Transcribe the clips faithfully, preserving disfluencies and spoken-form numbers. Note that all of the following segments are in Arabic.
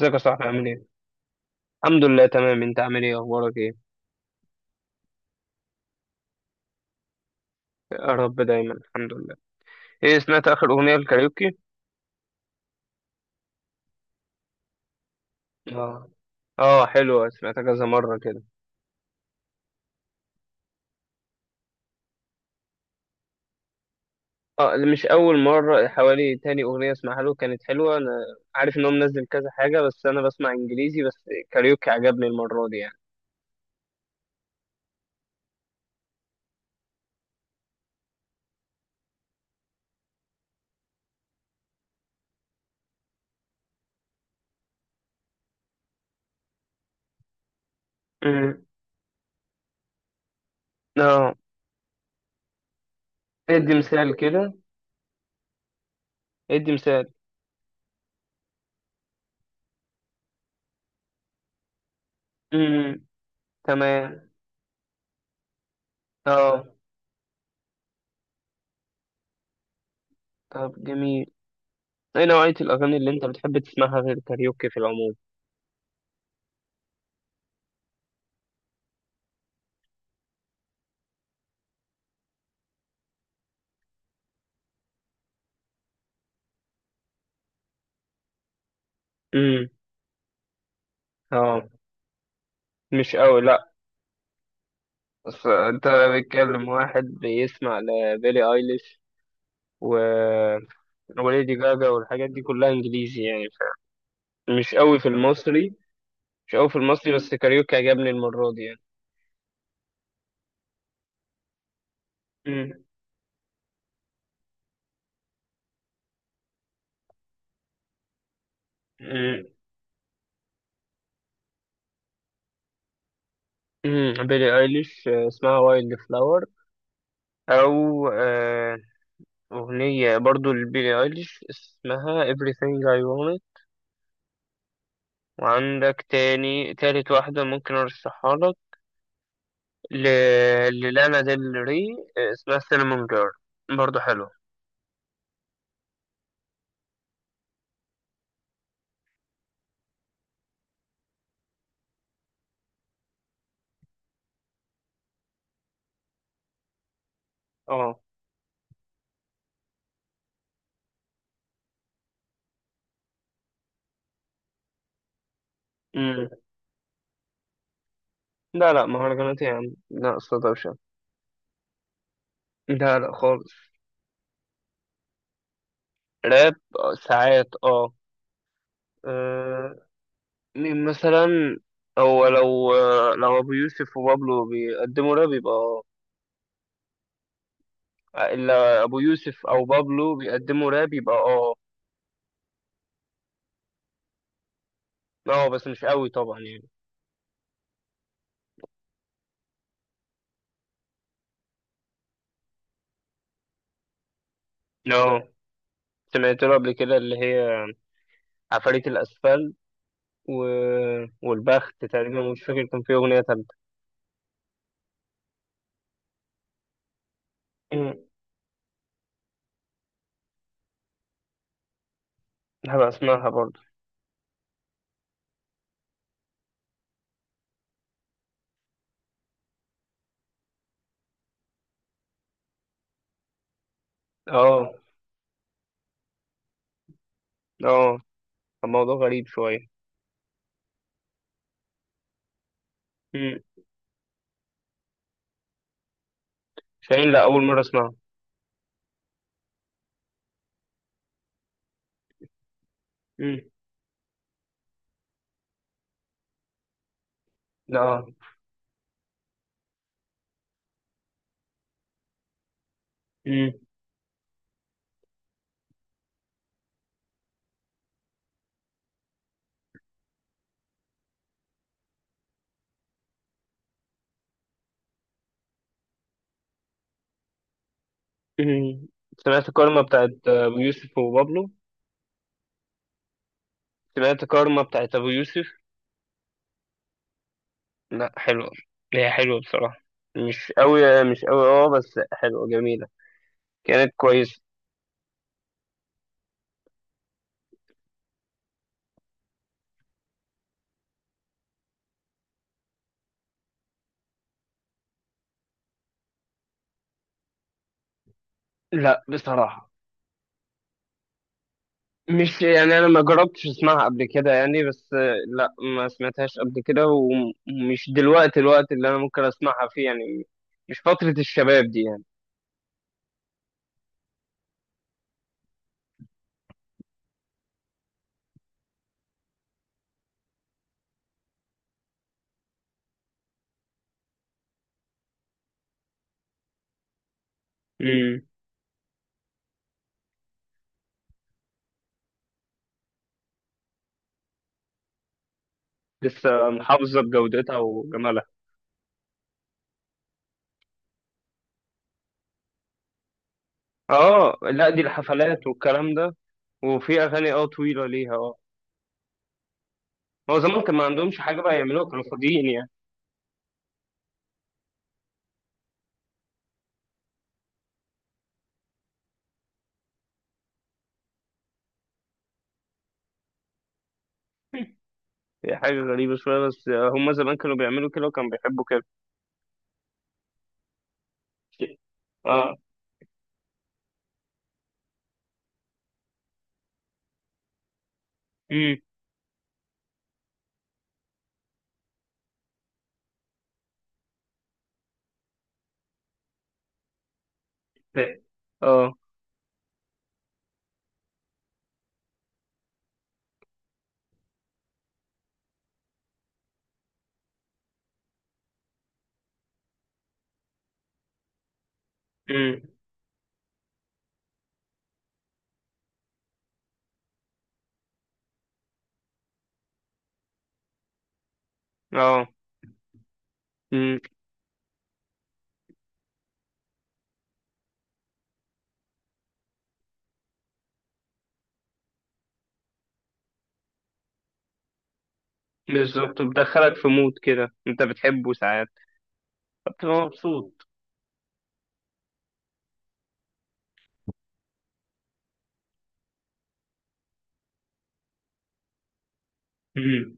ازيك يا صاحبي، عامل ايه؟ الحمد لله تمام، انت عامل ايه؟ اخبارك ايه؟ يا رب دايما، الحمد لله. ايه، سمعت اخر اغنية الكاريوكي؟ اه. اه، حلوة، سمعتها كذا مرة كده. اه، اللي مش اول مرة. حوالي تاني اغنية اسمعها له كانت حلوة. انا عارف ان هو منزل كذا حاجة، بس انا بسمع انجليزي بس. كاريوكي عجبني المرة دي يعني. امم. اه. ادي مثال كده. ادي مثال. امم. تمام. اه، طب جميل. ايه نوعية الاغاني اللي انت بتحب تسمعها غير كاريوكي في العموم؟ امم. اه. مش قوي، لا. بس انت بتكلم واحد بيسمع لبيلي ايليش، و... وليدي جاجا والحاجات دي كلها انجليزي يعني ف... مش قوي في المصري. مش قوي في المصري، بس كاريوكي عجبني المرة دي يعني. مم. مم. مم. بيلي ايليش، آه، اسمها وايلد فلاور، او آه، اغنية برضو لبيلي ايليش اسمها everything I want it. وعندك تاني، تالت واحدة ممكن ارشحها لك، ل... للانا ديل ري، آه، اسمها سينمون جيرل، برضه حلو. اه. امم. لا لا، مهرجانات يا عم لا، أصل دوشة. لا لا خالص. راب آه، ساعات اه. آه،. مين مثلا. هو لو آه، لو أبو يوسف وبابلو بيقدموا راب، يبقى اه. آه، إلا أبو يوسف أو بابلو بيقدموا راب يبقى اه. اه، بس مش قوي طبعا يعني. اه، سمعت له قبل كده، اللي هي عفاريت الأسفل، و... والبخت تقريبا. مش فاكر كان فيه أغنية تالتة. مم. هبقى أسمعها برضه. اه. اه، كان موضوع غريب شوية. مم. شاهين، لأ، أول مرة أسمعها. مم. لا. مم. مم. سمعت كارما بتاعت أبو يوسف وبابلو؟ سمعت كارما بتاعت أبو يوسف؟ لأ، حلوة. هي حلوة بصراحة. مش أوي مش أوي، اه بس حلوة جميلة. كانت كويسة. لأ بصراحة، مش يعني انا ما جربتش اسمعها قبل كده يعني، بس آه، لا، ما سمعتهاش قبل كده، ومش دلوقتي الوقت اللي انا ممكن اسمعها فيه يعني. مش فترة الشباب دي يعني. امم. لسه محافظة بجودتها وجمالها. اه لا، دي الحفلات والكلام ده. وفي اغاني اه طويلة ليها اه. هو زمان كان ما عندهمش حاجة بقى يعملوها، كانوا فاضيين يعني. هي حاجة غريبة شوية، بس آه، هم زمان كانوا بيعملوا كده وكانوا بيحبوا كده. اه. امم. اه. امم. اه، بالظبط، بتدخلك في مود كده انت بتحبه ساعات، فبتبقى مبسوط. امم.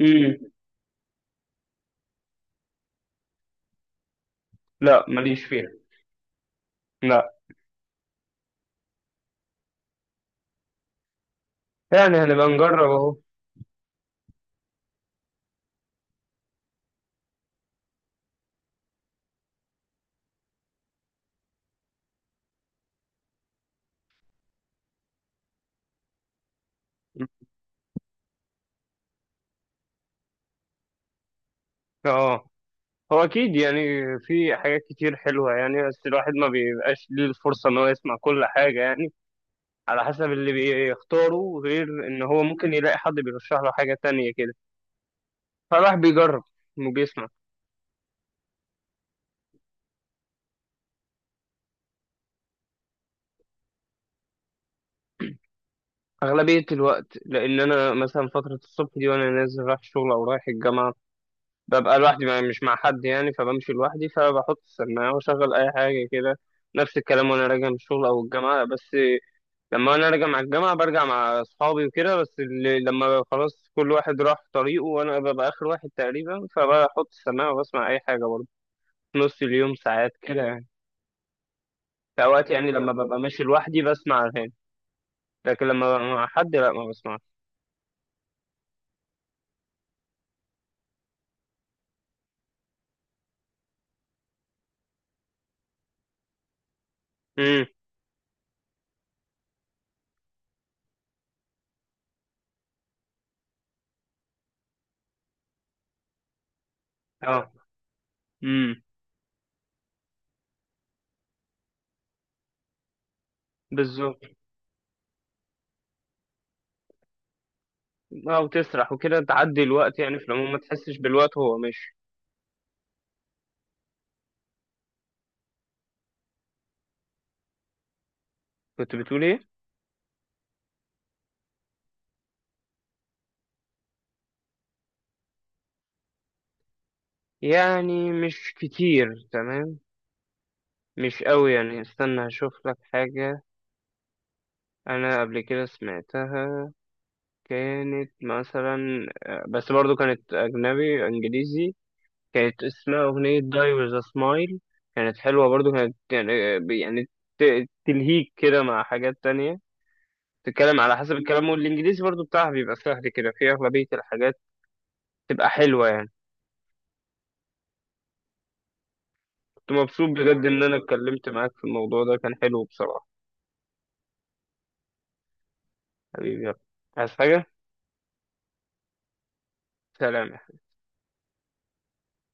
امم. لا، ماليش فيها. لا. يعني هنبقى نجرب اهو. اه، هو اكيد يعني، في حاجات كتير حلوه يعني، بس الواحد ما بيبقاش ليه الفرصه ان هو يسمع كل حاجه يعني، على حسب اللي بيختاره، غير ان هو ممكن يلاقي حد بيرشح له حاجه تانية كده. فالواحد بيجرب وبيسمع اغلبيه الوقت، لان انا مثلا فتره الصبح دي وانا نازل رايح الشغل او رايح الجامعه، ببقى لوحدي بقى مش مع حد يعني، فبمشي لوحدي فبحط السماعة وأشغل أي حاجة كده. نفس الكلام وأنا راجع من الشغل أو الجامعة. بس لما أنا راجع مع الجامعة برجع مع أصحابي وكده، بس اللي لما خلاص كل واحد راح طريقه وأنا ببقى آخر واحد تقريبا، فبحط السماعة وبسمع أي حاجة برضه في نص اليوم ساعات كده يعني. في أوقات يعني لما ببقى ماشي لوحدي بسمع أغاني، لكن لما ببقى مع حد لأ ما بسمعش. أمم. أه. أمم. بالظبط. أه، وتسرح وكده تعدي الوقت يعني، في العموم ما تحسش بالوقت وهو ماشي. كنت بتقول ايه؟ يعني مش كتير، تمام. مش قوي يعني. استنى هشوف لك حاجة. انا قبل كده سمعتها، كانت مثلا، آه، بس برضو كانت اجنبي انجليزي، كانت اسمها اغنية داي ويز ا سمايل. كانت حلوة، برضو كانت يعني آه، يعني ت- تلهيك كده مع حاجات تانية. تتكلم على حسب الكلام، والانجليزي برضو بتاعها بيبقى سهل كده في اغلبية الحاجات، تبقى حلوة يعني. كنت مبسوط بجد ان انا اتكلمت معاك في الموضوع ده، كان حلو بصراحة. حبيبي يلا. عايز حاجة؟ سلام.